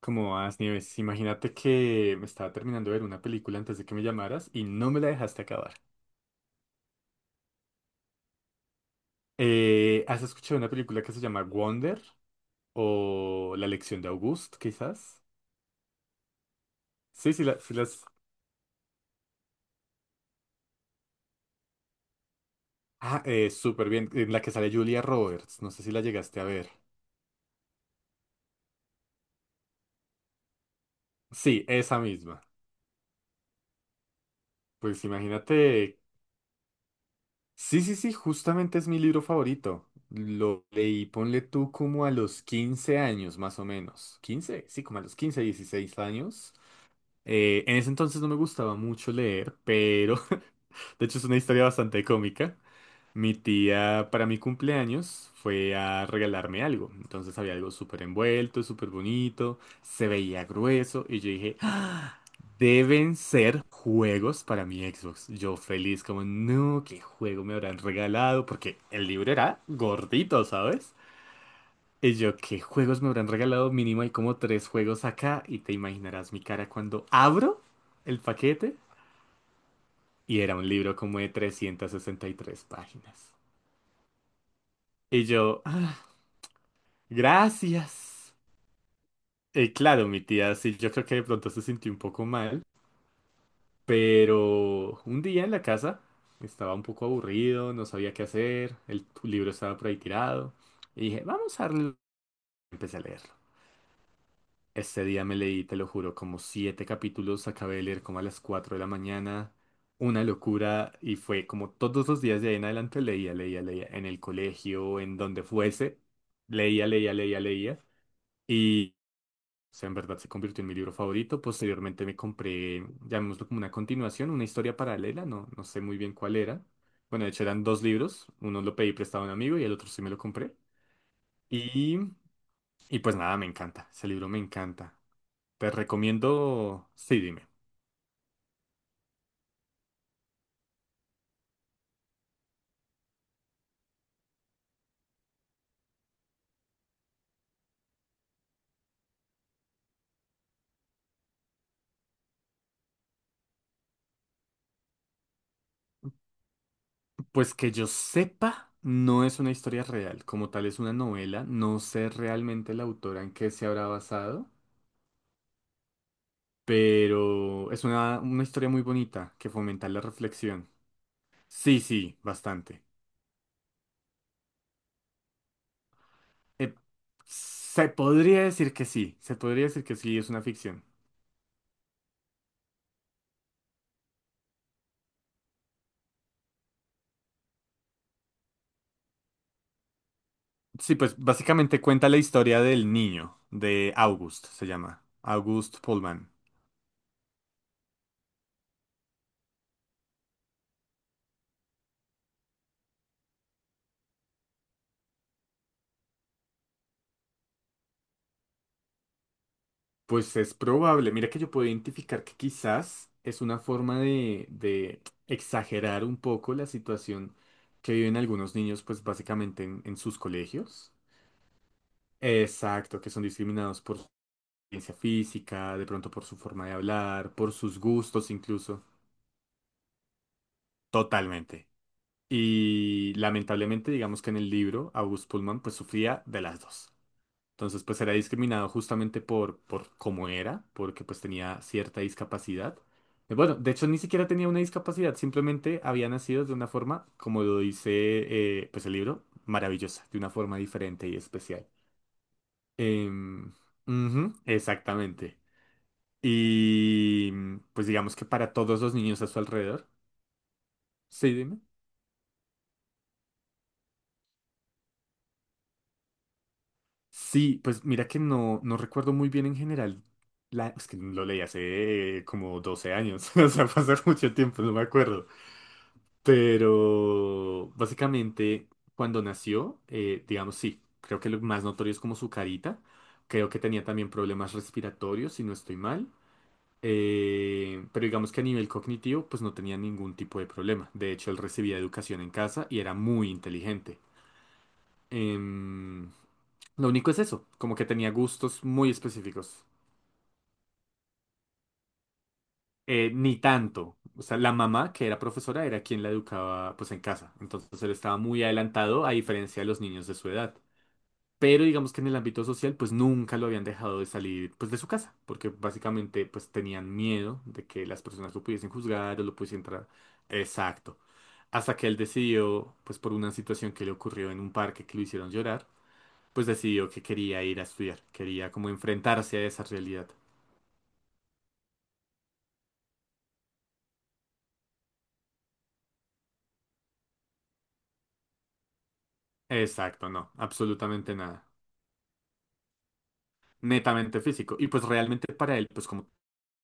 ¿Como vas, Nieves? Imagínate que me estaba terminando de ver una película antes de que me llamaras y no me la dejaste acabar. ¿Has escuchado una película que se llama Wonder o La lección de August, quizás? Sí, sí, la, sí las. Ah, súper bien, en la que sale Julia Roberts, no sé si la llegaste a ver. Sí, esa misma. Pues imagínate. Sí, sí, sí, justamente es mi libro favorito. Lo leí, ponle tú como a los 15 años, más o menos. ¿15? Sí, como a los 15, 16 años. En ese entonces no me gustaba mucho leer, pero de hecho es una historia bastante cómica. Mi tía para mi cumpleaños fue a regalarme algo. Entonces había algo súper envuelto, súper bonito, se veía grueso y yo dije, "Ah, deben ser juegos para mi Xbox. Yo feliz como, no, ¿qué juego me habrán regalado? Porque el libro era gordito, ¿sabes? Y yo, ¿qué juegos me habrán regalado? Mínimo hay como tres juegos acá y te imaginarás mi cara cuando abro el paquete. Y era un libro como de 363 páginas. Y yo, "Ah, gracias. Y claro, mi tía sí, yo creo que de pronto se sintió un poco mal, pero un día en la casa estaba un poco aburrido, no sabía qué hacer, el libro estaba por ahí tirado. Y dije, vamos a darle. Empecé a leer. Este día me leí, te lo juro, como siete capítulos, acabé de leer como a las 4 de la mañana, una locura y fue como todos los días de ahí en adelante leía, leía, leía, en el colegio, en donde fuese, leía, leía, leía, leía y o sea, en verdad se convirtió en mi libro favorito. Posteriormente me compré, llamémoslo como una continuación, una historia paralela, no, no sé muy bien cuál era. Bueno, de hecho eran dos libros, uno lo pedí prestado a un amigo y el otro sí me lo compré. Y, y pues nada, me encanta, ese libro me encanta. Te recomiendo, sí, dime. Pues que yo sepa, no es una historia real, como tal es una novela, no sé realmente la autora en qué se habrá basado, pero es una historia muy bonita que fomenta la reflexión. Sí, sí, bastante. Eh, Se podría decir que sí, se podría decir que sí, es una ficción. Sí, pues básicamente cuenta la historia del niño, de August, se llama, August Pullman. Pues es probable. Mira que yo puedo identificar que quizás es una forma de exagerar un poco la situación que viven algunos niños, pues básicamente en sus colegios. Exacto, que son discriminados por su apariencia física, de pronto por su forma de hablar, por sus gustos incluso. Totalmente. Y lamentablemente, digamos que en el libro, August Pullman pues sufría de las dos. Entonces, pues era discriminado justamente por cómo era, porque pues tenía cierta discapacidad. Bueno, de hecho ni siquiera tenía una discapacidad, simplemente había nacido de una forma, como lo dice pues el libro, maravillosa, de una forma diferente y especial. Em, Ujú, exactamente. Y pues digamos que para todos los niños a su alrededor. Sí, dime. Sí, pues mira que no, no recuerdo muy bien en general. La, es que lo leí hace como 12 años, o sea, pasó mucho tiempo, no me acuerdo. Pero básicamente cuando nació, digamos, sí, creo que lo más notorio es como su carita. Creo que tenía también problemas respiratorios, si no estoy mal. Pero digamos que a nivel cognitivo, pues no tenía ningún tipo de problema. De hecho, él recibía educación en casa y era muy inteligente. Em, lo único es eso, como que tenía gustos muy específicos. Ni tanto. O sea, la mamá, que era profesora, era quien la educaba pues en casa. Entonces él estaba muy adelantado a diferencia de los niños de su edad. Pero digamos que en el ámbito social pues nunca lo habían dejado de salir pues de su casa, porque básicamente pues tenían miedo de que las personas lo pudiesen juzgar o lo pudiesen entrar. Exacto. Hasta que él decidió, pues por una situación que le ocurrió en un parque que lo hicieron llorar, pues decidió que quería ir a estudiar, quería como enfrentarse a esa realidad. Exacto, no, absolutamente nada. Netamente físico. Y pues realmente para él, pues como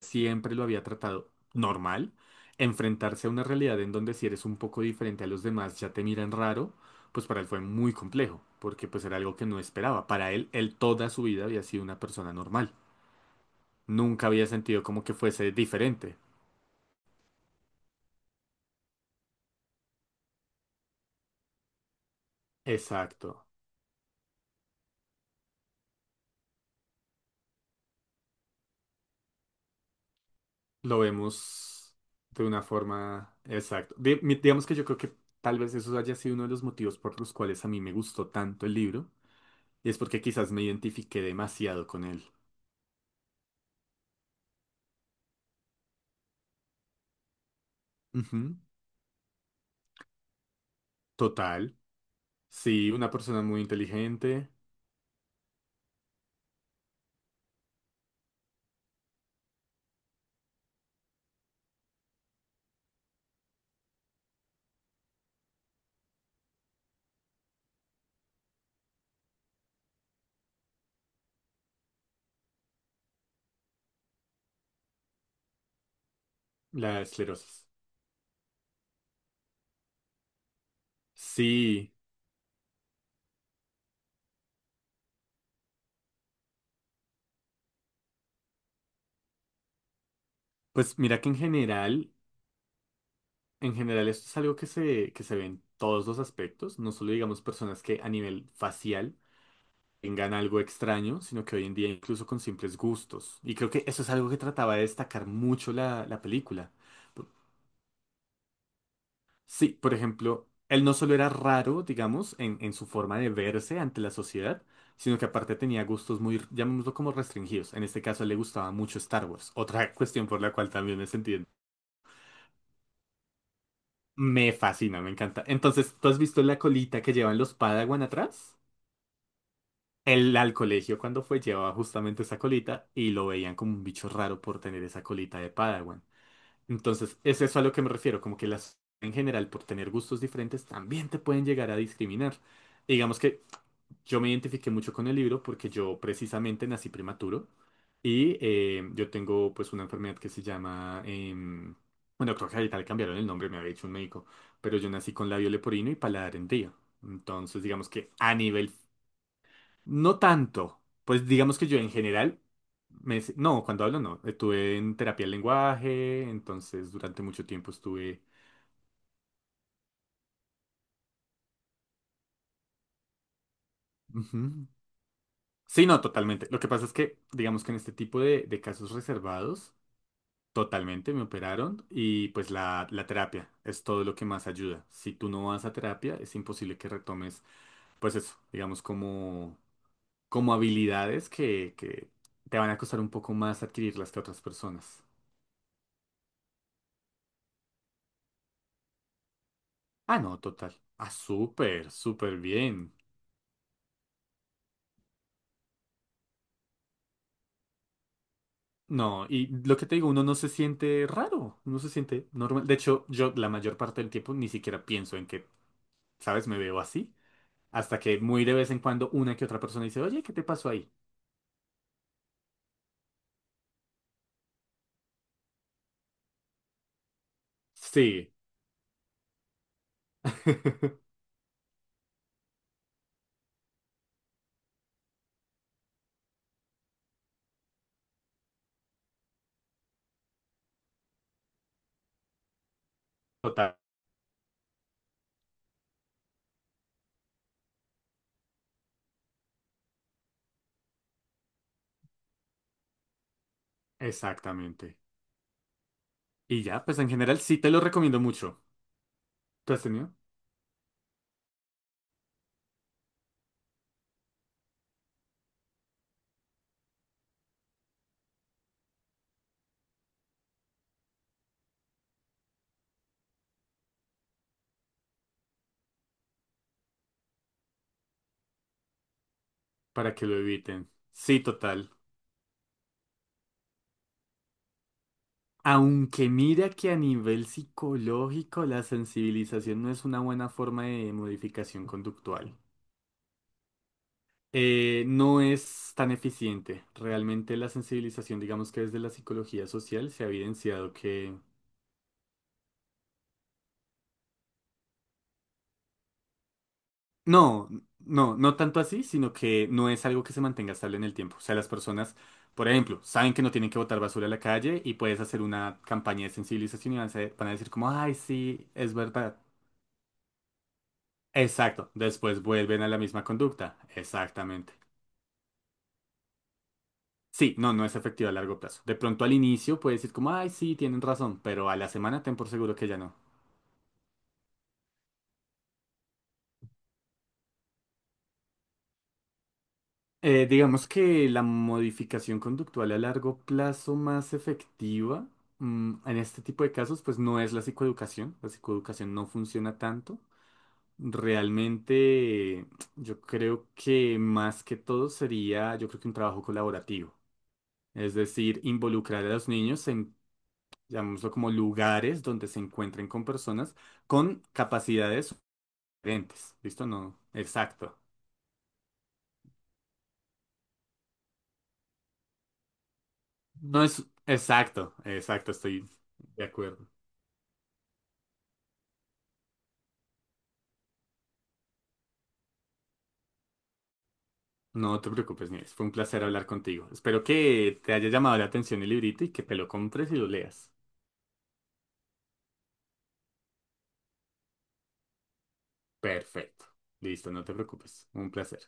siempre lo había tratado normal, enfrentarse a una realidad en donde si eres un poco diferente a los demás ya te miran raro, pues para él fue muy complejo, porque pues era algo que no esperaba. Para él, él toda su vida había sido una persona normal. Nunca había sentido como que fuese diferente. Exacto. Lo vemos de una forma. Exacto. Digamos que yo creo que tal vez eso haya sido uno de los motivos por los cuales a mí me gustó tanto el libro. Y es porque quizás me identifiqué demasiado con él. Ujú, total. Sí, una persona muy inteligente. La esclerosis. Sí. Pues mira que en general esto es algo que se ve en todos los aspectos. No solo digamos personas que a nivel facial tengan algo extraño, sino que hoy en día incluso con simples gustos. Y creo que eso es algo que trataba de destacar mucho la película. Sí, por ejemplo, él no solo era raro, digamos, en su forma de verse ante la sociedad, sino que aparte tenía gustos muy, llamémoslo como restringidos. En este caso, le gustaba mucho Star Wars, otra cuestión por la cual también me sentí. Me fascina, me encanta. Entonces, ¿tú has visto la colita que llevan los Padawan atrás? Él al colegio cuando fue llevaba justamente esa colita y lo veían como un bicho raro por tener esa colita de Padawan. Entonces, es eso a lo que me refiero, como que las en general, por tener gustos diferentes, también te pueden llegar a discriminar. Y digamos que yo me identifiqué mucho con el libro porque yo precisamente nací prematuro y yo tengo pues una enfermedad que se llama, bueno, creo que ahorita le cambiaron el nombre, me había dicho un médico, pero yo nací con labio leporino y paladar hendido. Entonces, digamos que a nivel no tanto. Pues digamos que yo en general, no, cuando hablo no. Estuve en terapia del lenguaje, entonces durante mucho tiempo estuve. Ujú. Sí, no, totalmente. Lo que pasa es que, digamos que en este tipo de casos reservados, totalmente me operaron y pues la terapia es todo lo que más ayuda. Si tú no vas a terapia, es imposible que retomes pues eso, digamos, como habilidades que te van a costar un poco más adquirirlas que a otras personas. Ah, no, total. Ah, súper, súper bien. No, y lo que te digo, uno no se siente raro, uno se siente normal. De hecho, yo la mayor parte del tiempo ni siquiera pienso en que, ¿sabes? Me veo así. Hasta que muy de vez en cuando una que otra persona dice, oye, ¿qué te pasó ahí? Sí. Total. Exactamente. Y ya, pues en general sí te lo recomiendo mucho. ¿Tú has tenido? Para que lo eviten. Sí, total. Aunque mira que a nivel psicológico la sensibilización no es una buena forma de modificación conductual. No es tan eficiente. Realmente la sensibilización, digamos que desde la psicología social se ha evidenciado que. No, no, no tanto así, sino que no es algo que se mantenga estable en el tiempo. O sea, las personas, por ejemplo, saben que no tienen que botar basura a la calle y puedes hacer una campaña de sensibilización y van a decir como, ay, sí, es verdad. Exacto, después vuelven a la misma conducta. Exactamente. Sí, no, no es efectivo a largo plazo. De pronto al inicio puedes decir como, ay, sí, tienen razón, pero a la semana ten por seguro que ya no. Digamos que la modificación conductual a largo plazo más efectiva, en este tipo de casos, pues no es la psicoeducación. La psicoeducación no funciona tanto. Realmente, yo creo que más que todo sería, yo creo que un trabajo colaborativo. Es decir, involucrar a los niños en llamémoslo como lugares donde se encuentren con personas con capacidades diferentes. ¿Listo? No, exacto. No es exacto, exacto, estoy de acuerdo. No te preocupes, Nieves. Fue un placer hablar contigo. Espero que te haya llamado la atención el librito y que te lo compres y lo leas. Perfecto. Listo, no te preocupes. Un placer.